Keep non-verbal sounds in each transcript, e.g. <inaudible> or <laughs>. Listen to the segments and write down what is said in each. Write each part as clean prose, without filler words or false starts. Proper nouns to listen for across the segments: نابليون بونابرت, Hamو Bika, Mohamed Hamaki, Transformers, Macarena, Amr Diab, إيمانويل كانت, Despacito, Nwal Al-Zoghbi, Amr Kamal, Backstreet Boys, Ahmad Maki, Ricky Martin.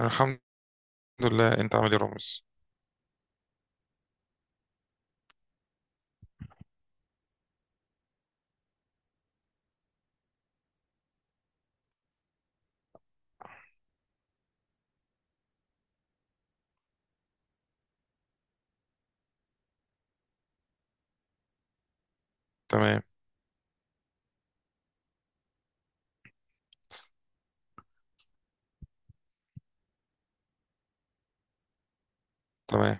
الحمد لله. انت عامل ايه رامز؟ تمام. تمام.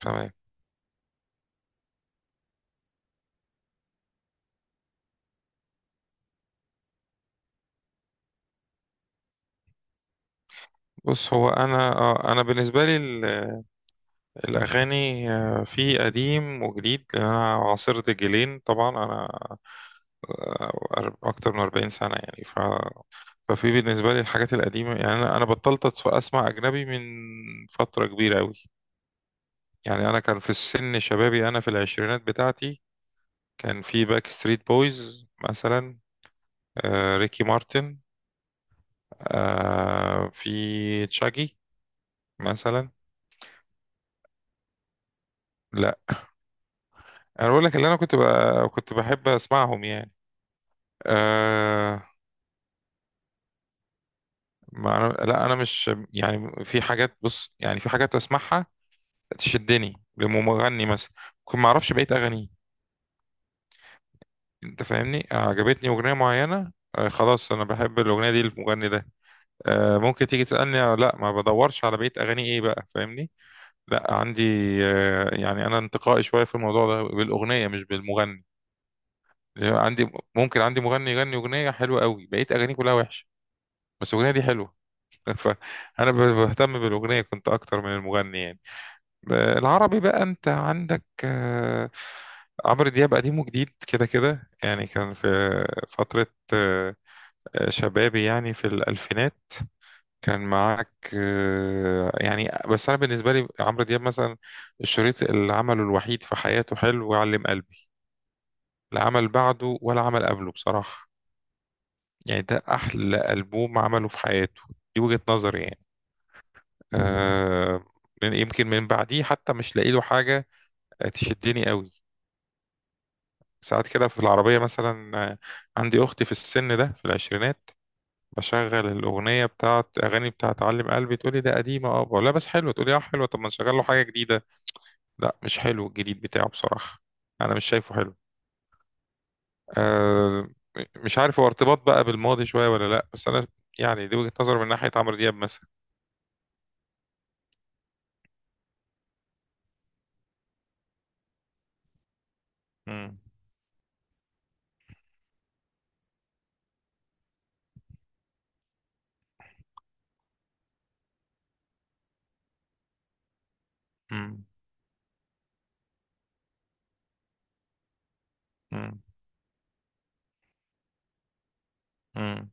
تمام. بص، هو انا بالنسبه لي الاغاني في قديم وجديد، لان انا عاصرت جيلين طبعا. انا اكتر من 40 سنه يعني. ففي بالنسبه لي الحاجات القديمه، يعني انا بطلت اسمع اجنبي من فتره كبيره قوي. يعني انا كان في السن شبابي، انا في العشرينات بتاعتي كان في باك ستريت بويز مثلا، ريكي مارتن، في تشاجي مثلا. لا، انا بقول لك اللي انا كنت كنت بحب اسمعهم يعني. أه... ما أنا... لا انا مش، يعني في حاجات، بص يعني في حاجات اسمعها تشدني لمغني مثلا، ممكن ما اعرفش بقيه اغانيه. انت فاهمني، عجبتني اغنيه معينه، خلاص، انا بحب الاغنيه دي المغني ده. ممكن تيجي تسالني لا، ما بدورش على بقيه اغانيه ايه. بقى فاهمني، لا عندي. يعني انا انتقائي شويه في الموضوع ده، بالاغنيه مش بالمغني. عندي، ممكن عندي مغني يغني اغنيه حلوه قوي، بقيت اغانيه كلها وحشه، بس الاغنيه دي حلوه. <laughs> فانا بهتم بالاغنيه كنت اكتر من المغني يعني. العربي بقى، انت عندك عمرو دياب قديم وجديد كده كده. يعني كان في فتره آه، شبابي، يعني في الالفينات، كان معاك يعني. بس انا بالنسبه لي عمرو دياب مثلا، الشريط اللي عمله الوحيد في حياته حلو، وعلم قلبي لا عمل بعده ولا عمل قبله بصراحه. يعني ده أحلى ألبوم عمله في حياته، دي وجهة نظري يعني. آه يمكن من بعديه حتى مش لاقي له حاجة تشدني قوي. ساعات كده في العربية مثلا، عندي أختي في السن ده، في العشرينات، بشغل الأغنية بتاعت أغاني بتاعت علم قلبي، تقولي ده قديمة. اه، بقول لها بس حلوة، تقولي اه حلوة. طب ما نشغل له حاجة جديدة. لا، مش حلو الجديد بتاعه بصراحة، أنا مش شايفه حلو. آه مش عارف، هو ارتباط بقى بالماضي شوية ولا لا، بس أنا يعني دي وجهة نظري من ناحية عمرو دياب مثلا. مم. مم. مم. مم.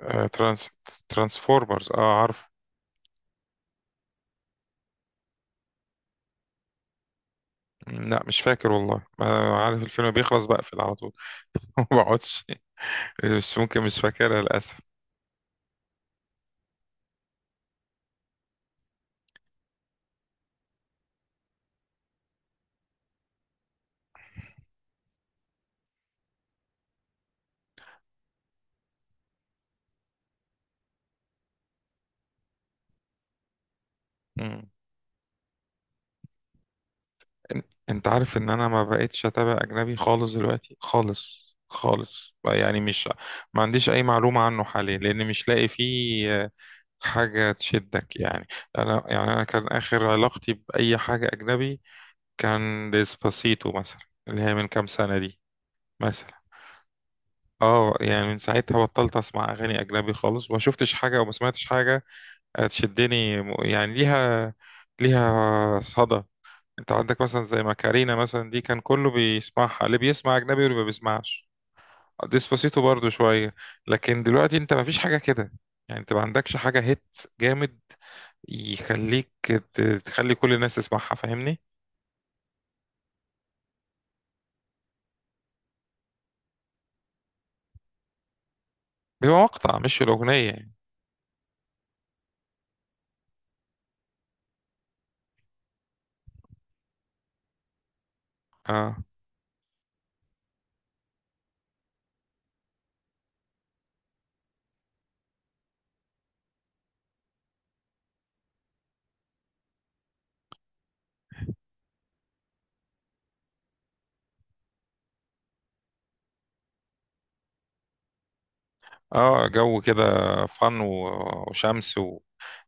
آه، ترانسفورمرز، اه عارف. لا مش فاكر، والله ما عارف، الفيلم بيخلص بقفل على طول. <laughs> ما بقعدش. بس ممكن مش فاكرها للأسف. مم. إن- انت عارف ان انا ما بقتش اتابع اجنبي خالص دلوقتي، خالص خالص يعني مش، ما عنديش اي معلومة عنه حاليا، لان مش لاقي فيه حاجة تشدك يعني. انا يعني انا كان اخر علاقتي باي حاجة اجنبي كان ديسباسيتو مثلا، اللي هي من كام سنة دي مثلا. اه، يعني من ساعتها بطلت اسمع اغاني اجنبي خالص، وما شفتش حاجه وما سمعتش حاجه تشدني. يعني ليها صدى. انت عندك مثلا زي ماكارينا مثلا، دي كان كله بيسمعها، اللي بيسمع اجنبي واللي ما بيسمعش، ديسباسيتو برضو شويه. لكن دلوقتي انت ما فيش حاجه كده، يعني انت ما عندكش حاجه هيت جامد يخليك تخلي كل الناس تسمعها، فاهمني؟ بيبقى مقطع مش الاغنيه يعني. اه. اه، جو كده، فن وشمس.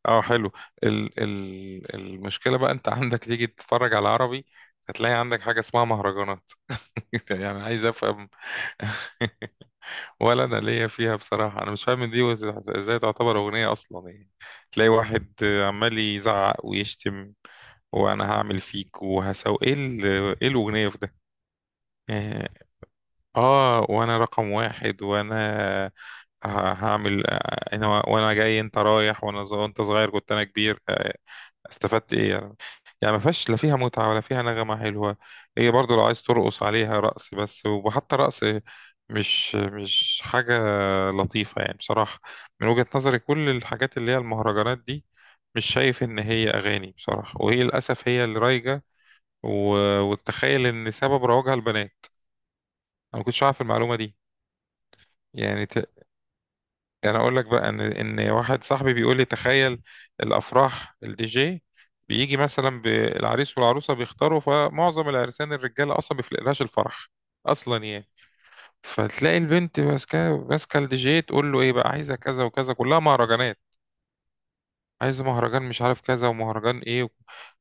اه، حلو. ال المشكله بقى، انت <laughs> عندك تيجي تتفرج على عربي، هتلاقي عندك حاجه اسمها مهرجانات. <laughs> يعني عايز افهم. <laughs> ولا انا ليا فيها بصراحه، انا مش فاهم دي ازاي تعتبر اغنيه اصلا يعني. تلاقي واحد عمال يزعق ويشتم، وانا هعمل فيك وهسوي ايه، ايه الاغنيه في ده يعني، اه؟ وانا رقم واحد، وانا هعمل، انا وانا جاي انت رايح، وانا وانت صغير كنت انا كبير استفدت ايه يعني؟ يعني ما فيهاش لا فيها متعة ولا فيها نغمة حلوة. هي برضو لو عايز ترقص عليها رقص بس، وحتى رقص مش حاجة لطيفة يعني بصراحة. من وجهة نظري كل الحاجات اللي هي المهرجانات دي، مش شايف إن هي أغاني بصراحة، وهي للأسف هي اللي رايجة. و... وتخيل إن سبب رواجها البنات. أنا ما كنتش عارف المعلومة دي. يعني يعني اقول لك بقى ان واحد صاحبي بيقول لي تخيل، الافراح الدي جي بيجي مثلا بالعريس والعروسه بيختاروا، فمعظم العرسان الرجاله اصلا ما بيفلقلهاش الفرح اصلا يعني. فتلاقي البنت ماسكه ماسكه الدي جي، تقول له ايه بقى، عايزه كذا وكذا، كلها مهرجانات. عايزه مهرجان مش عارف كذا، ومهرجان ايه.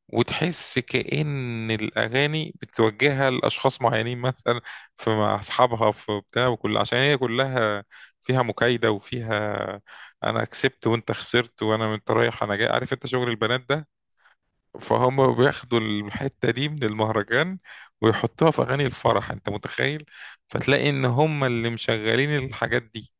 وتحس كأن الأغاني بتوجهها لأشخاص معينين مثلا، في مع أصحابها، في بتاع، وكل عشان هي كلها فيها مكايدة، وفيها أنا كسبت وأنت خسرت، وأنا أنت رايح أنا جاي، عارف؟ أنت شغل البنات ده فهم بياخدوا الحتة دي من المهرجان ويحطوها في أغاني الفرح، أنت متخيل؟ فتلاقي إن هم اللي مشغلين الحاجات دي.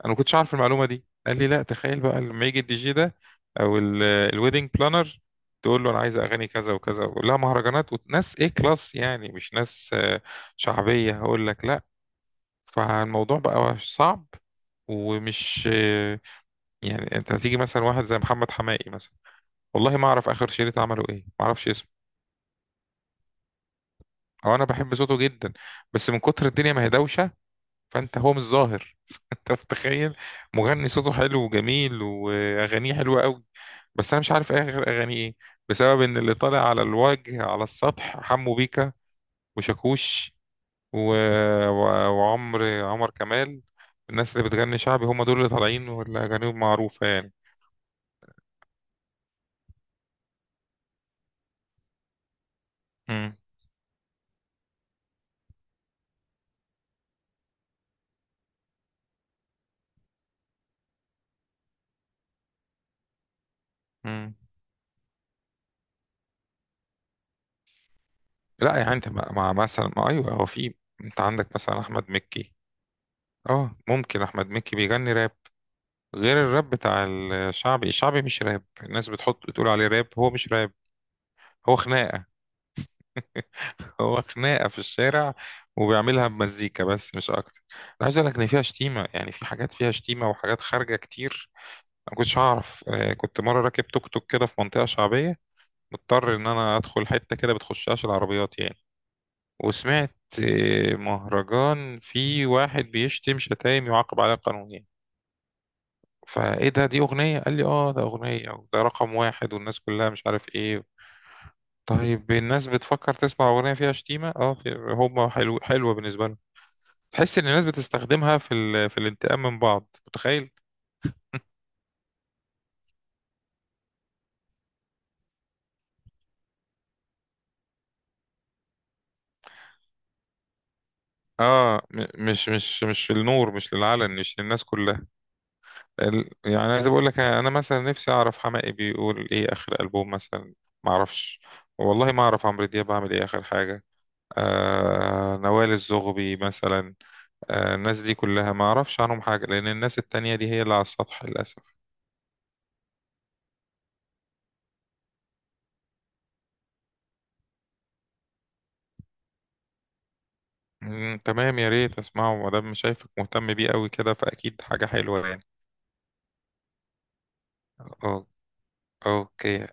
انا ما كنتش عارف المعلومه دي، قال لي لا، تخيل بقى لما يجي الدي جي ده او الويدنج بلانر، تقول له انا عايز اغاني كذا وكذا، ويقول لها مهرجانات وناس ايه، كلاس يعني مش ناس شعبيه، هقول لك لا. فالموضوع بقى صعب ومش يعني، انت هتيجي مثلا واحد زي محمد حماقي مثلا، والله ما اعرف اخر شريط عمله ايه، ما اعرفش اسمه. او انا بحب صوته جدا، بس من كتر الدنيا ما هي دوشه فانت هو مش ظاهر. طب تخيل، مغني صوته حلو وجميل واغانيه حلوه قوي، بس انا مش عارف ايه غير اغانيه ايه، بسبب ان اللي طالع على الوجه على السطح حمو بيكا وشاكوش و... و... وعمر كمال. الناس اللي بتغني شعبي هم دول اللي طالعين واللي اغانيهم معروفه يعني. مم. مم. لا يعني انت مع مثلا، ما ايوه، هو في، انت عندك مثلا احمد مكي. اه ممكن احمد مكي بيغني راب. غير الراب بتاع الشعبي، الشعبي مش راب. الناس بتحط بتقول عليه راب، هو مش راب، هو خناقة. <laughs> هو خناقة في الشارع وبيعملها بمزيكا بس، مش أكتر. أنا عايز أقول لك إن فيها شتيمة، يعني في حاجات فيها شتيمة وحاجات خارجة كتير. أنا ما كنتش أعرف كنت مرة راكب توك توك كده في منطقة شعبية، مضطر إن أنا أدخل حتة كده بتخشهاش العربيات يعني، وسمعت مهرجان في واحد بيشتم شتايم يعاقب عليها قانونيا. فايه ده، دي اغنيه؟ قال لي اه ده اغنيه، وده رقم واحد، والناس كلها مش عارف ايه. طيب الناس بتفكر تسمع أغنية فيها شتيمة؟ اه، في هما حلو، حلوة بالنسبة لهم، تحس إن الناس بتستخدمها في الانتقام من بعض، متخيل؟ اه، مش للنور، مش للعلن، مش للناس كلها. يعني عايز أقول لك أنا مثلا نفسي أعرف حماقي بيقول إيه آخر ألبوم مثلا، معرفش. والله ما أعرف عمرو دياب عامل إيه آخر حاجة، نوال الزغبي مثلا. الناس دي كلها ما أعرفش عنهم حاجة، لأن الناس التانية دي هي اللي على السطح للأسف. تمام، يا ريت اسمعه، ما دام شايفك مهتم بيه قوي كده، فاكيد حاجه حلوه يعني. أو- اوكي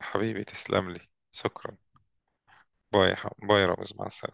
حبيبي، تسلم لي، شكرا. باي يا رامز، مع السلامه.